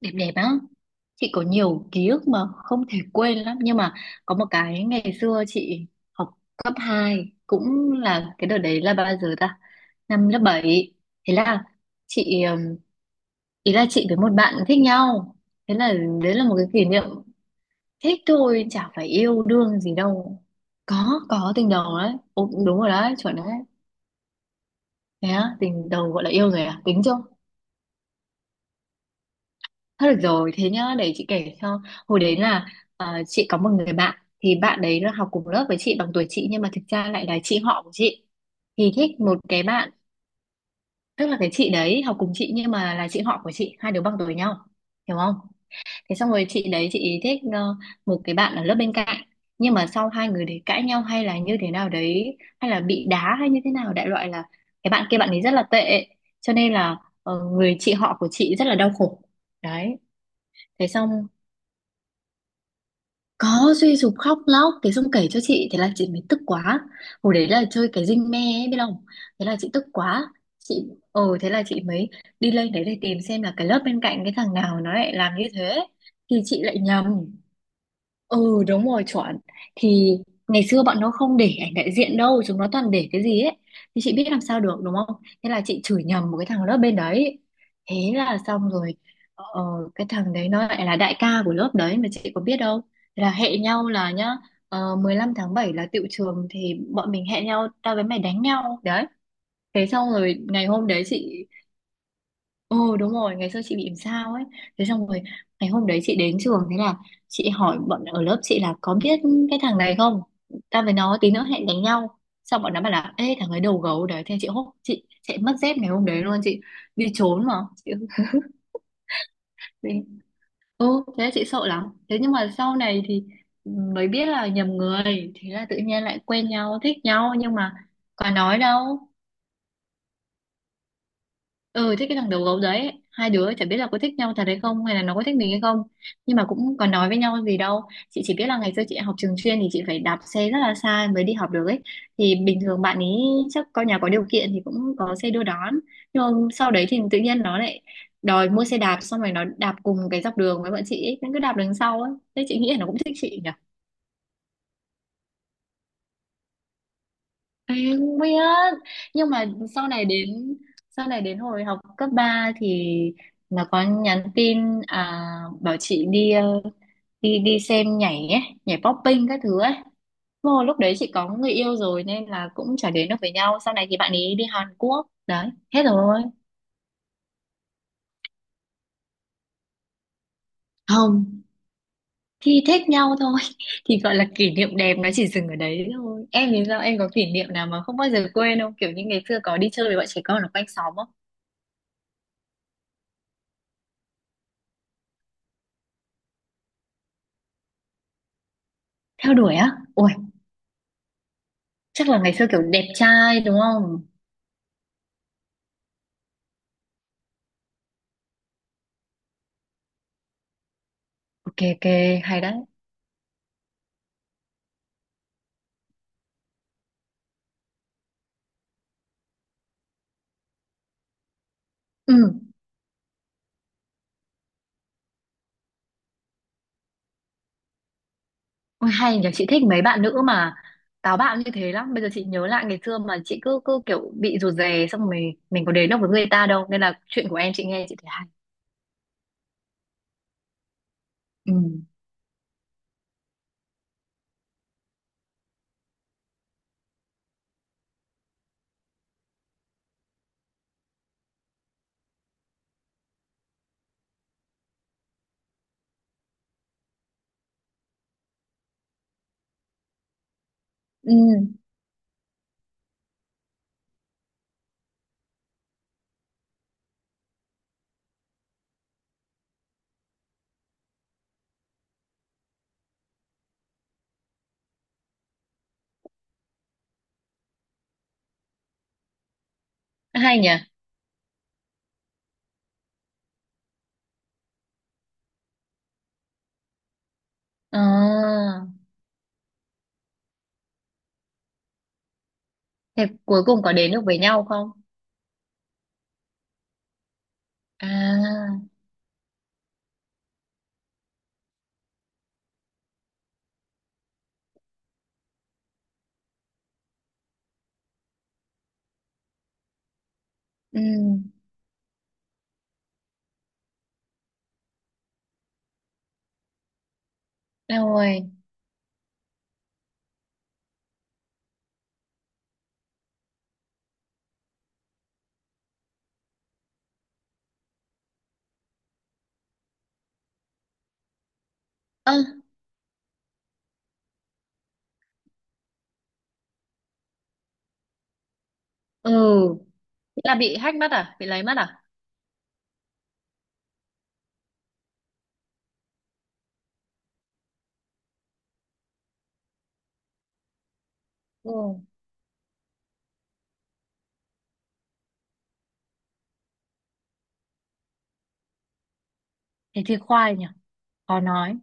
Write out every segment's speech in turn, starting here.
Đẹp đẹp á. Chị có nhiều ký ức mà không thể quên lắm nhưng mà có một cái ngày xưa chị học cấp hai, cũng là cái đợt đấy là bao giờ ta, năm lớp bảy. Thế là chị ý là chị với một bạn thích nhau. Thế là đấy là một cái kỷ niệm, thích thôi chả phải yêu đương gì đâu. Có tình đầu đấy. Ồ, cũng đúng rồi đấy, chuẩn đấy. Thế á, tình đầu gọi là yêu rồi à, tính chưa. Thôi được rồi, thế nhá, để chị kể cho. Hồi đấy là chị có một người bạn, thì bạn đấy là học cùng lớp với chị, bằng tuổi chị nhưng mà thực ra lại là chị họ của chị. Thì thích một cái bạn, tức là cái chị đấy học cùng chị nhưng mà là chị họ của chị, hai đứa bằng tuổi nhau, hiểu không? Thế xong rồi chị đấy chị thích một cái bạn ở lớp bên cạnh. Nhưng mà sau hai người đấy cãi nhau hay là như thế nào đấy, hay là bị đá hay như thế nào, đại loại là cái bạn kia bạn ấy rất là tệ. Cho nên là người chị họ của chị rất là đau khổ. Đấy, thế xong có suy sụp khóc lóc, thế xong kể cho chị, thế là chị mới tức quá. Hồi đấy là chơi cái dinh me ấy, biết không? Thế là chị tức quá, chị ờ thế là chị mới đi lên đấy để tìm xem là cái lớp bên cạnh cái thằng nào nó lại làm như thế. Thì chị lại nhầm. Ừ đúng rồi, chuẩn. Thì ngày xưa bọn nó không để ảnh đại diện đâu, chúng nó toàn để cái gì ấy, thì chị biết làm sao được đúng không. Thế là chị chửi nhầm một cái thằng lớp bên đấy. Thế là xong rồi, ờ, cái thằng đấy nó lại là đại ca của lớp đấy, mà chị có biết đâu. Thế là hẹn nhau là nhá, 15 tháng 7 là tựu trường. Thì bọn mình hẹn nhau, tao với mày đánh nhau. Đấy. Thế xong rồi ngày hôm đấy chị. Ừ đúng rồi, ngày xưa chị bị làm sao ấy. Thế xong rồi ngày hôm đấy chị đến trường, thế là chị hỏi bọn ở lớp chị là có biết cái thằng này không? Ta với nó tí nữa hẹn đánh nhau. Xong bọn nó bảo là ê, thằng ấy đầu gấu đấy. Thế chị hốt, chị chạy mất dép ngày hôm đấy luôn, chị đi trốn mà. Chị đi. Ừ thế là chị sợ lắm. Thế nhưng mà sau này thì mới biết là nhầm người, thế là tự nhiên lại quen nhau, thích nhau nhưng mà có nói đâu. Ừ, thích cái thằng đầu gấu đấy, hai đứa chả biết là có thích nhau thật hay không, hay là nó có thích mình hay không, nhưng mà cũng còn nói với nhau gì đâu. Chị chỉ biết là ngày xưa chị học trường chuyên thì chị phải đạp xe rất là xa mới đi học được ấy, thì bình thường bạn ấy chắc con nhà có điều kiện thì cũng có xe đưa đón, nhưng mà sau đấy thì tự nhiên nó lại đòi mua xe đạp, xong rồi nó đạp cùng cái dọc đường với bọn chị ấy, nó cứ đạp đằng sau ấy, thế chị nghĩ là nó cũng thích chị nhỉ. Em không biết, nhưng mà sau này đến, hồi học cấp 3 thì nó có nhắn tin, à, bảo chị đi, đi đi xem nhảy ấy, nhảy popping các thứ ấy. Vô lúc đấy chị có người yêu rồi nên là cũng chả đến được với nhau. Sau này thì bạn ấy đi Hàn Quốc. Đấy, hết rồi. Không, thì thích nhau thôi. Thì gọi là kỷ niệm đẹp nó chỉ dừng ở đấy thôi. Em thì sao? Em có kỷ niệm nào mà không bao giờ quên không? Kiểu như ngày xưa có đi chơi với bọn trẻ con ở quanh xóm không? Theo đuổi á? Ui, chắc là ngày xưa kiểu đẹp trai đúng không. Ok ok, hay đấy. Ừ, ôi hay nhờ, chị thích mấy bạn nữ mà táo bạo như thế lắm. Bây giờ chị nhớ lại ngày xưa mà chị cứ cứ kiểu bị rụt rè, xong rồi mình có đến được với người ta đâu, nên là chuyện của em chị nghe chị thấy hay. Ừ. Ừ, hay nhỉ. À, thế cuối cùng có đến được với nhau không? À. Ừ, đâu rồi. Ơ. Ừ, là bị hack mất à, bị lấy mất à. Ừ, thế thì khoai nhỉ, khó nói.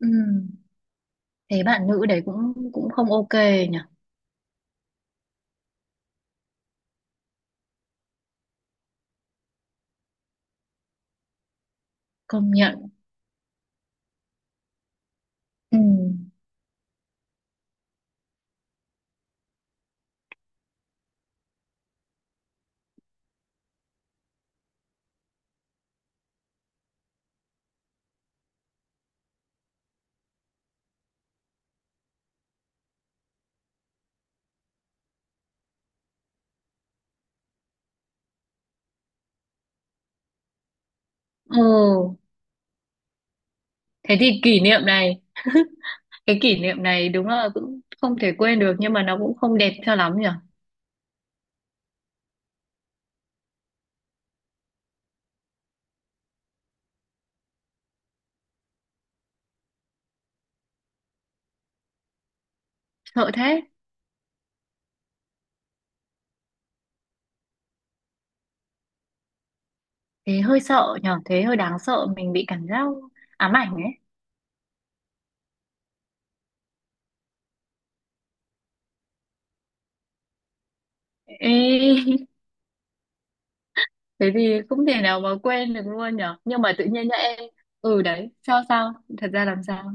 Ừ, thế bạn nữ đấy cũng cũng không ok nhỉ. Công nhận. Ừ. Ừ, thế thì kỷ niệm này, cái kỷ niệm này đúng là cũng không thể quên được nhưng mà nó cũng không đẹp cho lắm nhỉ. Sợ thế, thế hơi sợ nhỉ, thế hơi đáng sợ, mình bị cảm giác ám ảnh ấy. Ê, thế thì không thể nào mà quên được luôn nhỉ, nhưng mà tự nhiên nhá em. Ừ đấy, sao sao thật ra làm sao.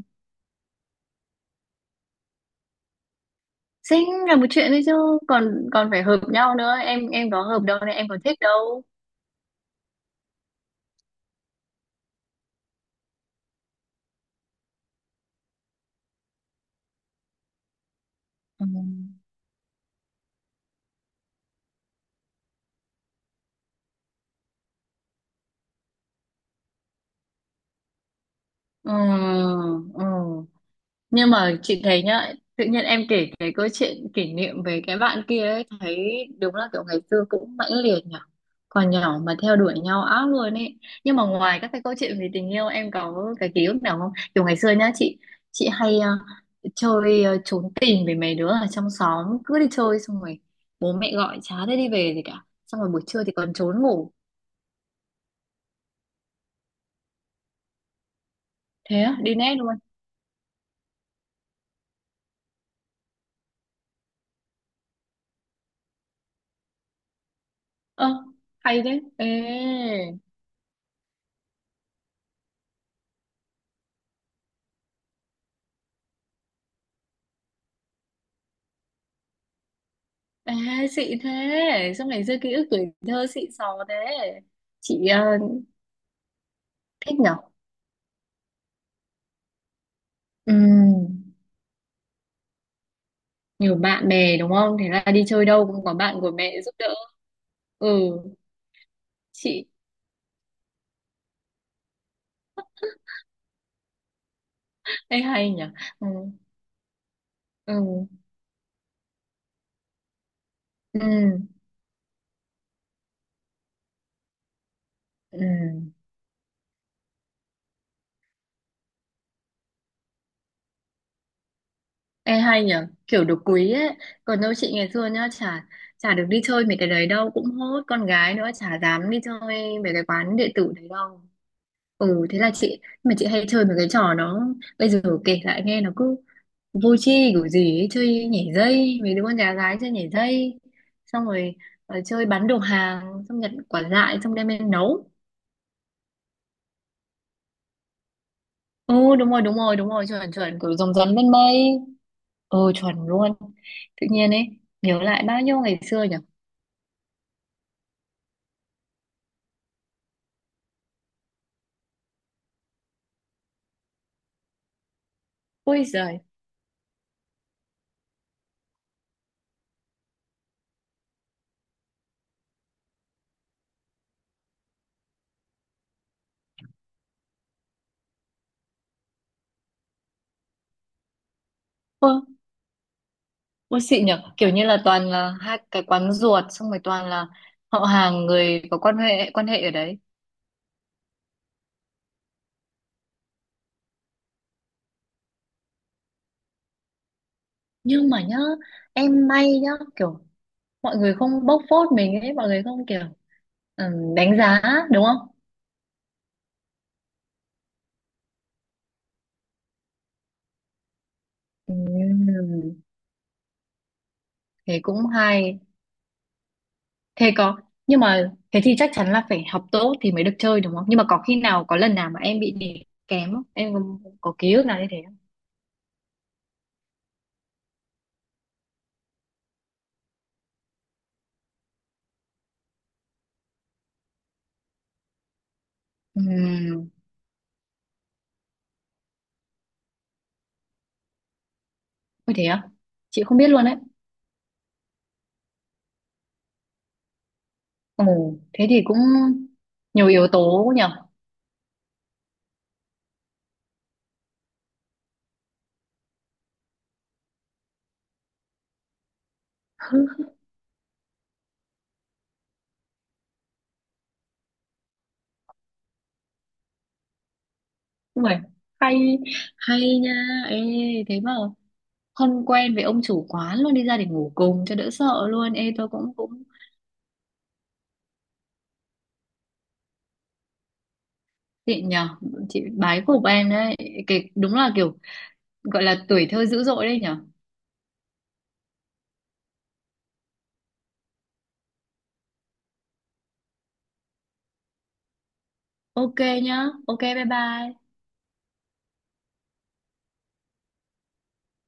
Xinh là một chuyện đấy chứ, còn còn phải hợp nhau nữa, em có hợp đâu nên em còn thích đâu. Ừ. Ừ. Ừ. Nhưng mà chị thấy nhá, tự nhiên em kể cái câu chuyện kỷ niệm về cái bạn kia ấy, thấy đúng là kiểu ngày xưa cũng mãnh liệt nhở. Còn nhỏ mà theo đuổi nhau ác luôn ấy. Nhưng mà ngoài các cái câu chuyện về tình yêu, em có cái ký ức nào không? Kiểu ngày xưa nhá chị hay chơi trốn tìm với mấy đứa ở trong xóm, cứ đi chơi xong rồi bố mẹ gọi chả thấy đi về gì cả. Xong rồi buổi trưa thì còn trốn ngủ. Thế á, đi net luôn. Ơ, hay thế. Ê. Ê, xịn thế. Sao ngày xưa ký ức tuổi thơ xịn sò thế. Chị thích nhở. Ừm. Nhiều bạn bè đúng không. Thế là đi chơi đâu cũng có bạn của mẹ giúp đỡ. Ừ chị. Ê hay nhở. Ừ. Ừ. Ừ. Ừ. Ê hay nhở, kiểu được quý ấy. Còn đâu chị ngày xưa nhá, chả chả được đi chơi mấy cái đấy đâu. Cũng hốt con gái nữa, chả dám đi chơi mấy cái quán điện tử đấy đâu. Ừ thế là chị, mà chị hay chơi mấy cái trò nó, bây giờ kể lại nghe nó cứ vô tri kiểu gì ấy, chơi nhảy dây, mấy đứa con nhà gái chơi nhảy dây, xong rồi chơi bán đồ hàng, xong nhặt quả dại xong đem lên nấu. Ừ đúng rồi đúng rồi đúng rồi, chuẩn chuẩn, kiểu rồng rắn lên mây. Ừ, chuẩn luôn. Tự nhiên ấy, nhớ lại bao nhiêu ngày xưa nhỉ. Ôi giời. Ôi, ôi xịn nhỉ, kiểu như là toàn là hai cái quán ruột, xong rồi toàn là họ hàng, người có quan hệ, quan hệ ở đấy. Nhưng mà nhá, em may nhá, kiểu mọi người không bóc phốt mình ấy, mọi người không kiểu, ừ, đánh giá, đúng không? Ừ, thế cũng hay. Thế có, nhưng mà thế thì chắc chắn là phải học tốt thì mới được chơi đúng không? Nhưng mà có khi nào, có lần nào mà em bị điểm kém không? Em có ký ức nào như thế không? Ừ, có thế à? Chị không biết luôn đấy. Ồ, thế thì cũng nhiều yếu tố nhở? Đúng rồi. Hay, hay nha. Ê, thế mà không quen với ông chủ quán luôn đi ra để ngủ cùng cho đỡ sợ luôn. Ê tôi cũng cũng chị nhờ, chị bái phục em đấy, cái đúng là kiểu gọi là tuổi thơ dữ dội đấy nhở. Ok nhá, ok bye bye.